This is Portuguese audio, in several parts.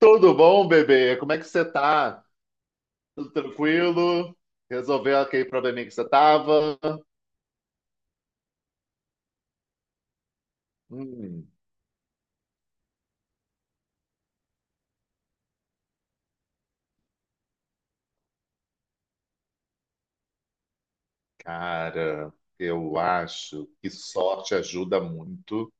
Tudo bom, bebê? Como é que você tá? Tudo tranquilo? Resolveu aquele probleminha que você tava? Hum, Cara, eu acho que sorte ajuda muito.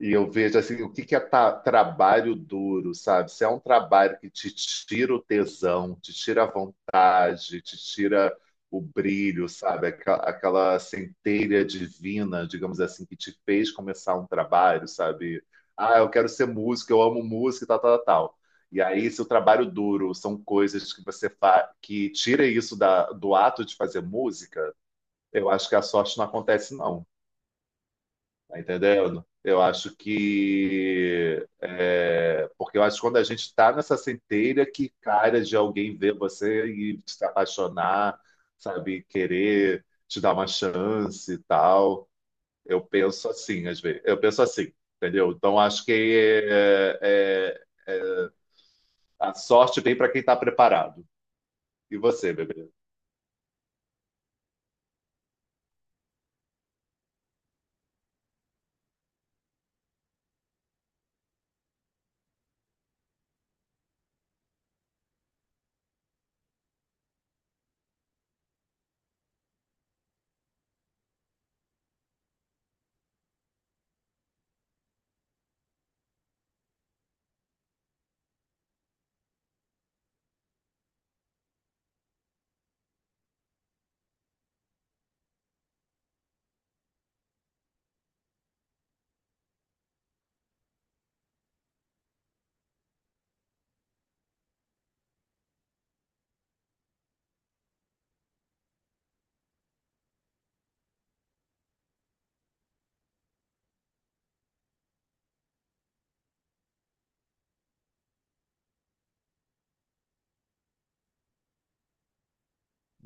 E eu vejo assim, o que que é trabalho duro, sabe? Se é um trabalho que te tira o tesão, te tira a vontade, te tira o brilho, sabe? Aquela centelha divina, digamos assim, que te fez começar um trabalho, sabe? Ah, eu quero ser músico, eu amo música, e tal, tal, tal. E aí, se o trabalho duro são coisas que você faz, que tira isso da, do ato de fazer música, eu acho que a sorte não acontece, não. Tá entendendo? Eu acho que. É, Porque eu acho que quando a gente está nessa centelha, que cara de alguém ver você e se apaixonar, sabe? Querer te dar uma chance e tal. Eu penso assim, às vezes. Eu penso assim, entendeu? Então acho que é, a sorte vem para quem está preparado. E você, bebê?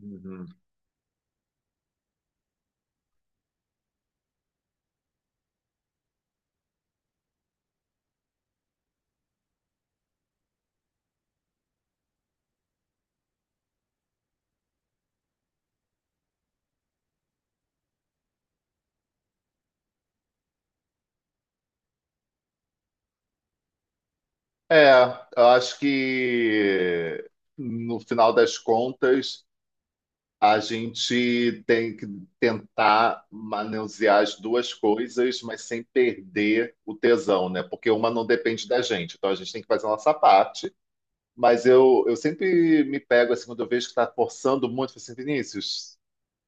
Uhum. É, eu acho que no final das contas, a gente tem que tentar manusear as duas coisas, mas sem perder o tesão, né? Porque uma não depende da gente, então a gente tem que fazer a nossa parte. Mas eu sempre me pego, assim, quando eu vejo que tá forçando muito, eu falo assim, Vinícius,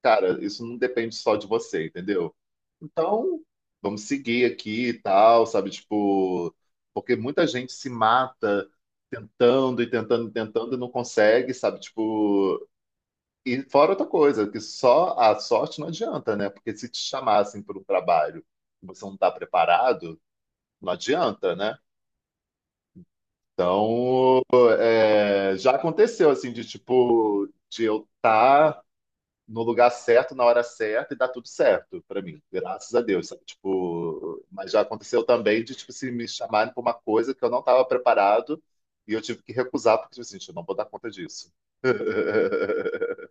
cara, isso não depende só de você, entendeu? Então, vamos seguir aqui e tal, sabe? Tipo, porque muita gente se mata tentando e tentando e tentando e não consegue, sabe? Tipo. E fora outra coisa, que só a sorte não adianta, né? Porque se te chamassem para um trabalho e você não está preparado, não adianta, né? Então, é, já aconteceu assim de tipo de eu estar no lugar certo na hora certa e dar tudo certo para mim, graças a Deus, sabe? Tipo, mas já aconteceu também de tipo se me chamarem para uma coisa que eu não estava preparado e eu tive que recusar porque tipo, assim, gente, eu não vou dar conta disso.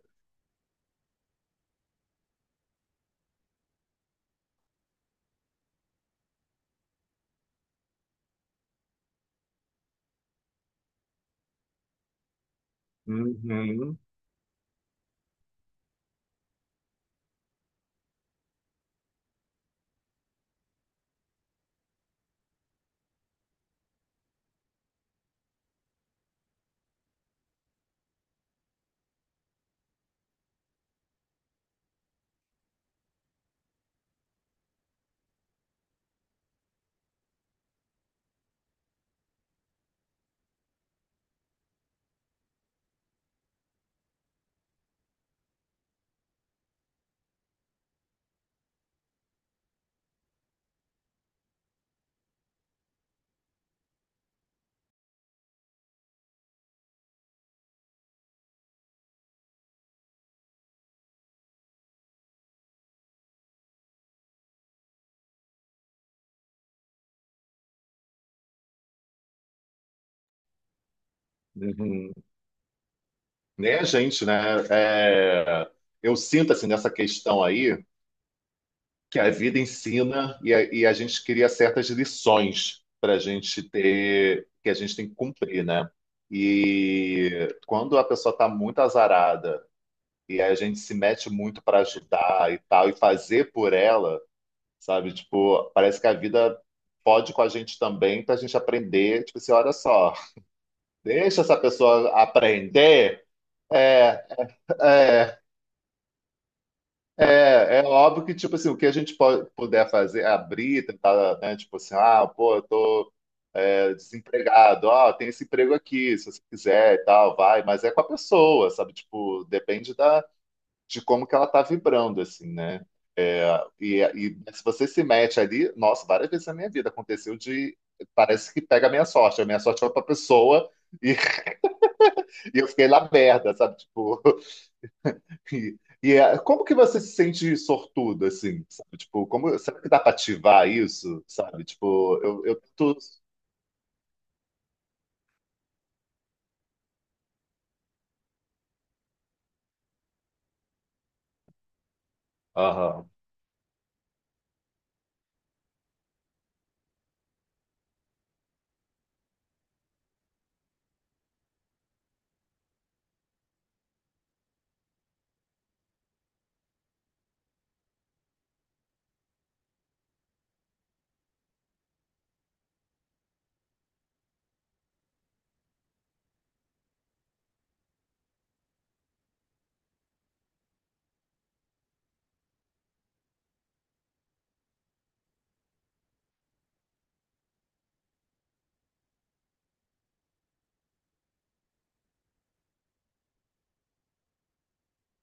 Uhum, uhum. Né, gente, né? É, eu sinto assim nessa questão aí que a vida ensina e a gente cria certas lições para a gente ter, que a gente tem que cumprir, né? E quando a pessoa está muito azarada e a gente se mete muito para ajudar e tal e fazer por ela, sabe? Tipo, parece que a vida pode com a gente também para a gente aprender. Tipo assim, olha só, deixa essa pessoa aprender. É, é, É, é óbvio que, tipo assim, o que a gente pode, puder fazer, abrir, tentar, né, tipo assim, ah, pô, eu tô é, desempregado, ó, tem esse emprego aqui, se você quiser e tal, vai, mas é com a pessoa, sabe, tipo, depende da, de como que ela tá vibrando, assim, né, É, e se você se mete ali, nossa, várias vezes na minha vida aconteceu de, parece que pega a minha sorte foi pra pessoa e, e eu fiquei lá merda, sabe, tipo, E, e como que você se sente sortudo, assim, sabe? Tipo, como, será que dá para ativar isso, sabe? Tipo, eu tô... Aham,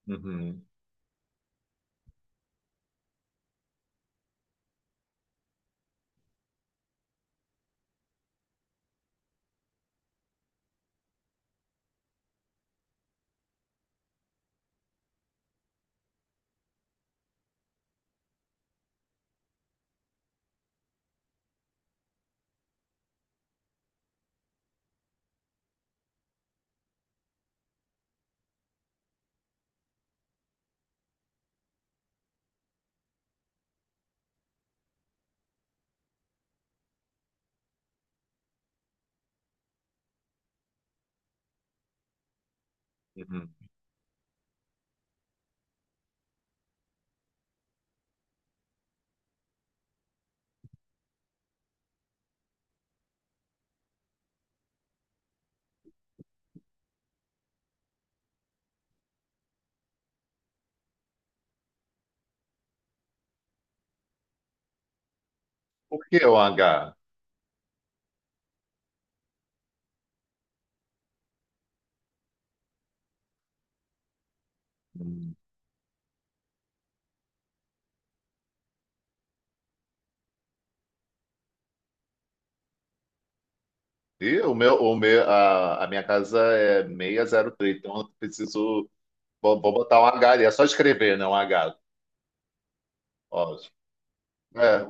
uhum, uhum. Por que o H? Hum. E a minha casa é 603, então eu preciso... Vou botar um H ali, é só escrever, né? Um H. Ótimo. É,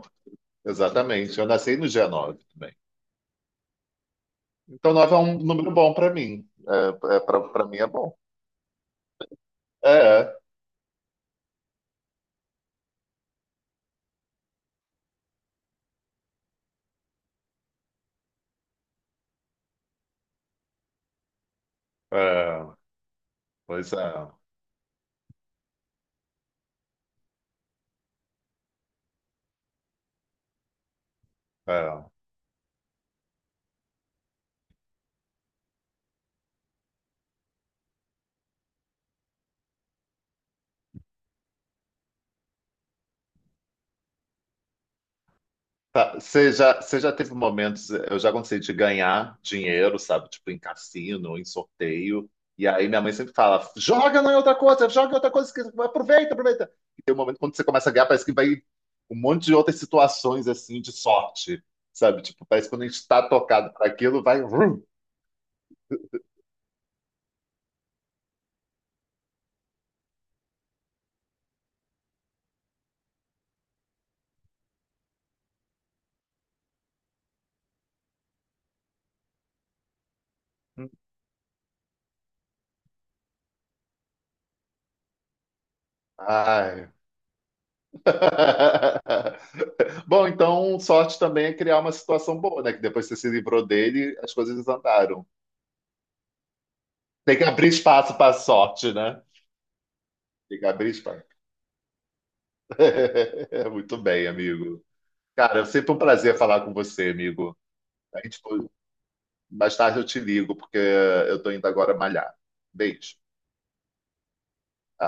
exatamente. Eu nasci no dia 9 também. Então 9 é um número bom para mim. É, é, para mim é bom. É, é. Pois é. É. Tá, você já, você já teve momentos, eu já gostei de ganhar dinheiro, sabe? Tipo, em cassino, em sorteio. E aí minha mãe sempre fala: joga não é outra coisa, joga em outra coisa, que- aproveita, aproveita. E tem um momento quando você começa a ganhar, parece que vai um monte de outras situações assim de sorte, sabe? Tipo, parece que quando a gente está tocado para aquilo, vai. Vrum. Ai. Bom, então sorte também é criar uma situação boa, né? Que depois você se livrou dele, as coisas andaram. Tem que abrir espaço para sorte, né? Fica bem esperto. Muito bem, amigo. Cara, é sempre um prazer falar com você, amigo. A gente, mais tarde eu te ligo, porque eu tô indo agora malhar. Beijo.